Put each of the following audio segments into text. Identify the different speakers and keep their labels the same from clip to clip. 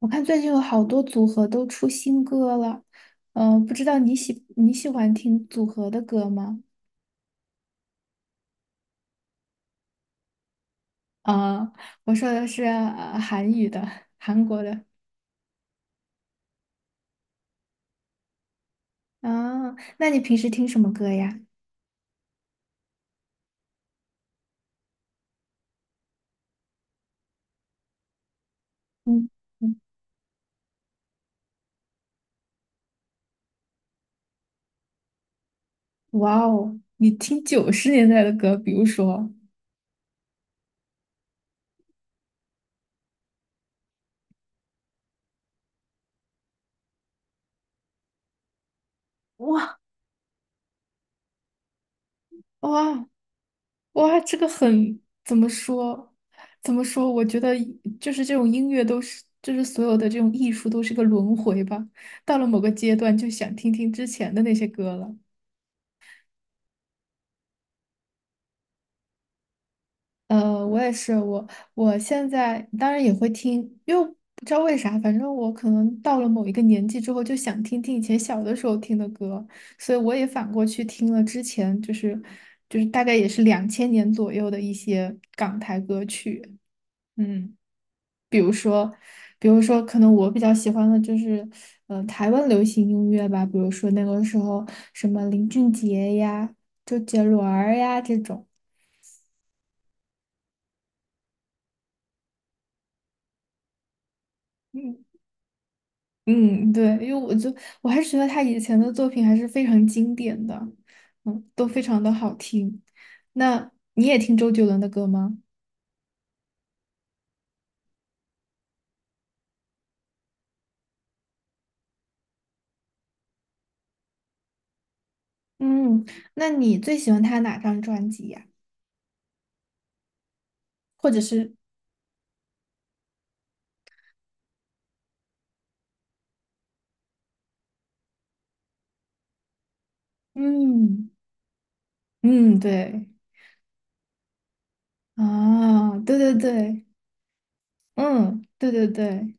Speaker 1: 我看最近有好多组合都出新歌了，不知道你喜欢听组合的歌吗？啊、我说的是韩语的，韩国的。啊，那你平时听什么歌呀？嗯，嗯哇哦，你听90年代的歌，比如说。哇，哇哇，这个很，怎么说？我觉得就是这种音乐都是，就是所有的这种艺术都是个轮回吧。到了某个阶段，就想听听之前的那些歌了。我也是，我现在当然也会听，因为不知道为啥，反正我可能到了某一个年纪之后，就想听听以前小的时候听的歌，所以我也反过去听了之前，就是大概也是2000年左右的一些港台歌曲，嗯。比如说，可能我比较喜欢的就是，台湾流行音乐吧，比如说那个时候什么林俊杰呀、周杰伦儿呀这种。嗯嗯，对，因为我还是觉得他以前的作品还是非常经典的，嗯，都非常的好听。那你也听周杰伦的歌吗？嗯，那你最喜欢他哪张专辑呀？或者是，嗯嗯，对，啊，对对对，嗯，对对对。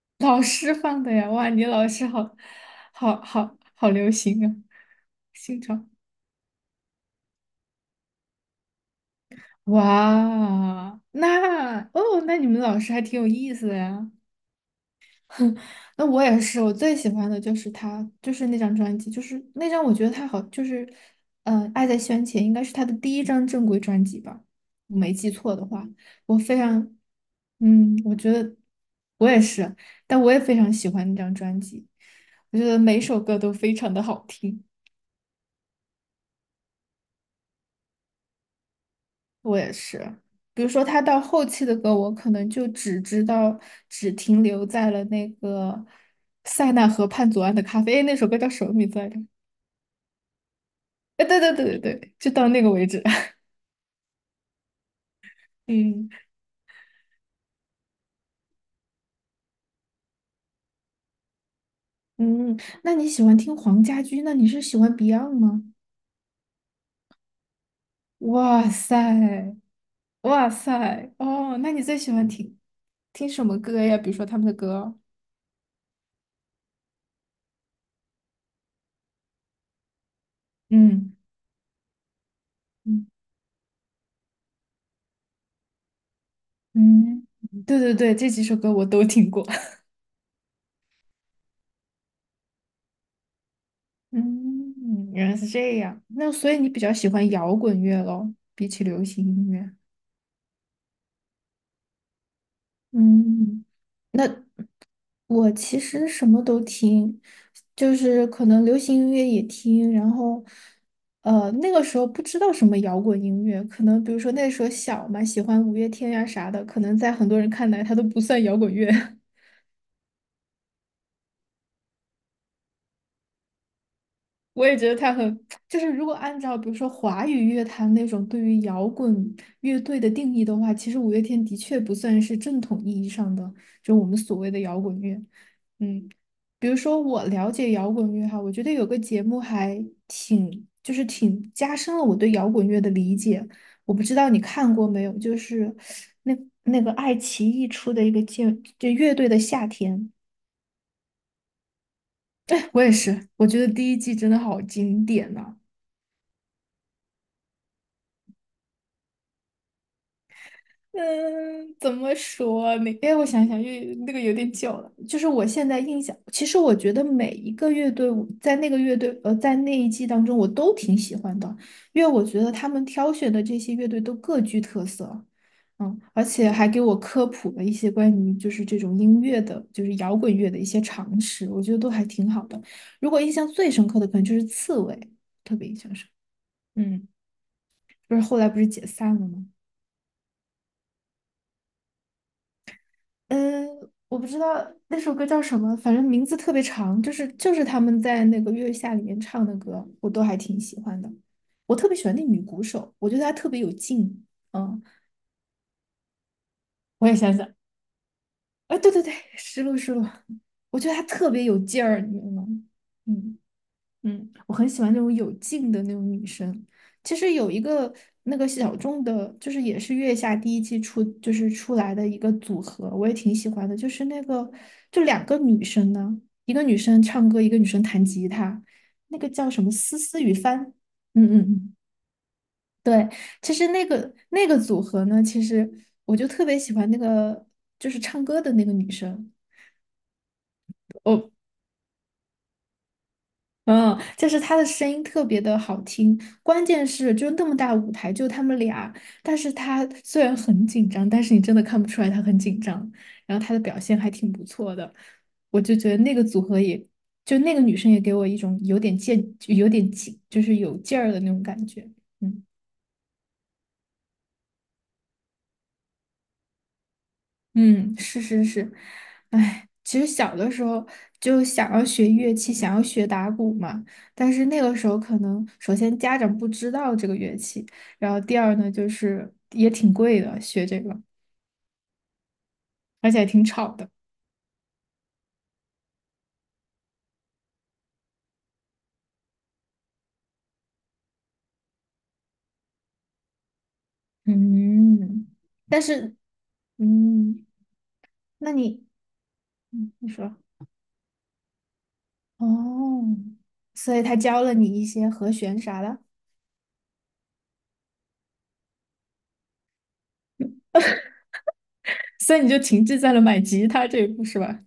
Speaker 1: 老师放的呀，哇，你老师好，好流行啊，新潮，哇，那哦，那你们老师还挺有意思的呀。哼那我也是，我最喜欢的就是他，就是那张专辑，就是那张我觉得他好，就是，爱在西元前》应该是他的第一张正规专辑吧，我没记错的话，我非常，我觉得我也是，但我也非常喜欢那张专辑。我觉得每首歌都非常的好听。我也是，比如说他到后期的歌，我可能就只知道，只停留在了那个塞纳河畔左岸的咖啡，诶那首歌叫什么名字来着？哎，对对对对对，就到那个为止。嗯嗯，那你喜欢听黄家驹？那你是喜欢 Beyond 吗？哇塞，哇塞，哦，那你最喜欢听什么歌呀？比如说他们的歌？嗯嗯嗯，对对对，这几首歌我都听过。嗯，原来是这样。那所以你比较喜欢摇滚乐咯，比起流行音乐。嗯，那我其实什么都听，就是可能流行音乐也听，然后，那个时候不知道什么摇滚音乐，可能比如说那时候小嘛，喜欢五月天呀、啥的，可能在很多人看来它都不算摇滚乐。我也觉得他很，就是如果按照比如说华语乐坛那种对于摇滚乐队的定义的话，其实五月天的确不算是正统意义上的，就我们所谓的摇滚乐。嗯，比如说我了解摇滚乐哈，我觉得有个节目还挺，就是挺加深了我对摇滚乐的理解。我不知道你看过没有，就是那那个爱奇艺出的一个节，就乐队的夏天，我也是，我觉得第一季真的好经典呐、嗯，怎么说呢？哎，我想想，又那个有点久了。就是我现在印象，其实我觉得每一个乐队我在那个乐队在那一季当中，我都挺喜欢的，因为我觉得他们挑选的这些乐队都各具特色，嗯，而且还给我科普了一些关于就是这种音乐的，就是摇滚乐的一些常识，我觉得都还挺好的。如果印象最深刻的，可能就是刺猬，特别印象深刻。嗯，不是后来不是解散了吗？嗯，我不知道那首歌叫什么，反正名字特别长，就是他们在那个《月下》里面唱的歌，我都还挺喜欢的。我特别喜欢那女鼓手，我觉得她特别有劲。嗯，我也想想，哎，对对对，失落失落，我觉得她特别有劲儿，你知道吗？嗯。嗯，我很喜欢那种有劲的那种女生。其实有一个那个小众的，就是也是月下第一季出就是出来的一个组合，我也挺喜欢的。就是那个就两个女生呢，一个女生唱歌，一个女生弹吉他，那个叫什么思思雨帆。嗯嗯嗯，对。其实那个组合呢，其实我就特别喜欢那个就是唱歌的那个女生。嗯，就是他的声音特别的好听，关键是就那么大舞台，就他们俩，但是他虽然很紧张，但是你真的看不出来他很紧张，然后他的表现还挺不错的，我就觉得那个组合也，就那个女生也给我一种有点劲，有点劲，就是有劲儿的那种感觉。嗯。嗯，是是是，哎，其实小的时候就想要学乐器，想要学打鼓嘛，但是那个时候可能首先家长不知道这个乐器，然后第二呢就是也挺贵的，学这个，而且还挺吵的。嗯，但是嗯，那你你说哦，所以他教了你一些和弦啥的，所以你就停滞在了买吉他这一步是吧？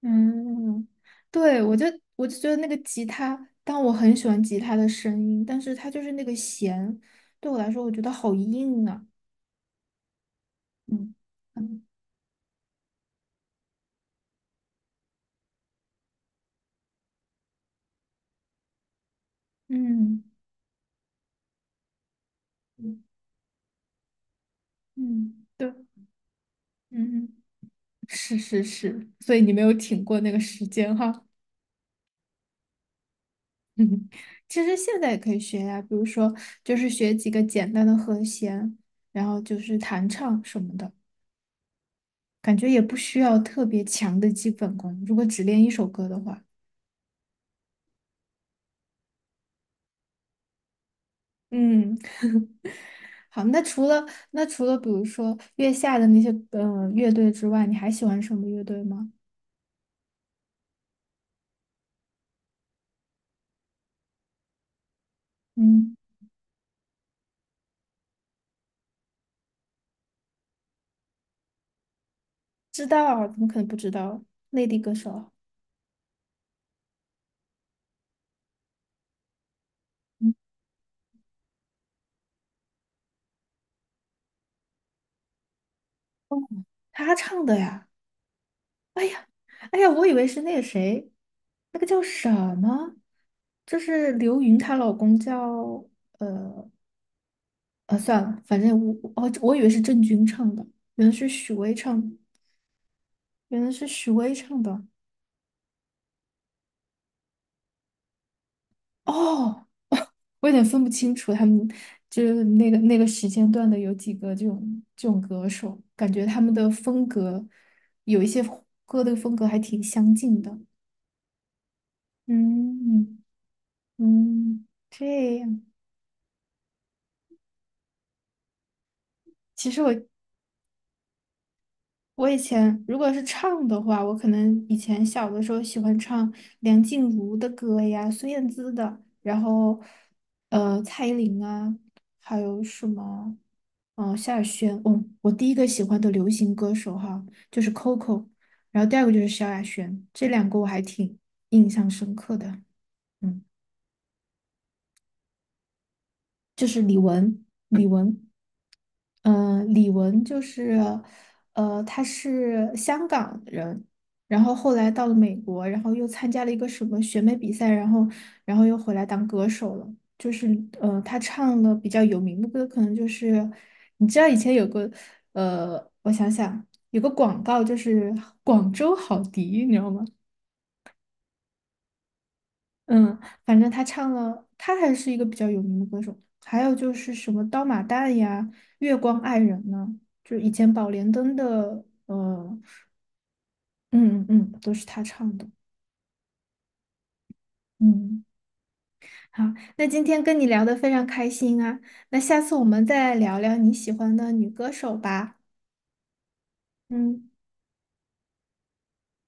Speaker 1: 嗯，嗯对，我就觉得那个吉他，但我很喜欢吉他的声音，但是它就是那个弦，对我来说，我觉得好硬啊。嗯嗯嗯嗯，嗯对，嗯，是是是，所以你没有挺过那个时间哈。嗯，其实现在也可以学呀，比如说就是学几个简单的和弦，然后就是弹唱什么的，感觉也不需要特别强的基本功，如果只练一首歌的话。嗯，好，那除了比如说月下的那些乐队之外，你还喜欢什么乐队吗？嗯，知道啊，怎么可能不知道？内地歌手，嗯，哦，他唱的呀。哎呀，哎呀，我以为是那个谁，那个叫什么，就是刘芸她老公叫算了，反正我以为是郑钧唱的，原来是许巍唱的，原来是许巍唱的。哦，我有点分不清楚他们就是那个时间段的有几个这种歌手，感觉他们的风格有一些歌的风格还挺相近的。嗯嗯，这样。其实我。我以前如果是唱的话，我可能以前小的时候喜欢唱梁静茹的歌呀、孙燕姿的，然后蔡依林啊，还有什么萧亚轩。哦，我第一个喜欢的流行歌手哈就是 Coco，然后第二个就是萧亚轩，这两个我还挺印象深刻的。嗯。就是李玟，李玟。嗯，李玟就是，她是香港人，然后后来到了美国，然后又参加了一个什么选美比赛，然后，然后又回来当歌手了。就是，她唱了比较有名的歌，可能就是，你知道以前有个，我想想，有个广告就是广州好迪，你知道吗？嗯，反正他唱了，他还是一个比较有名的歌手。还有就是什么《刀马旦》呀，《月光爱人》呢，就是以前宝莲灯的，嗯嗯，都是他唱的。嗯，好，那今天跟你聊得非常开心啊，那下次我们再聊聊你喜欢的女歌手吧。嗯。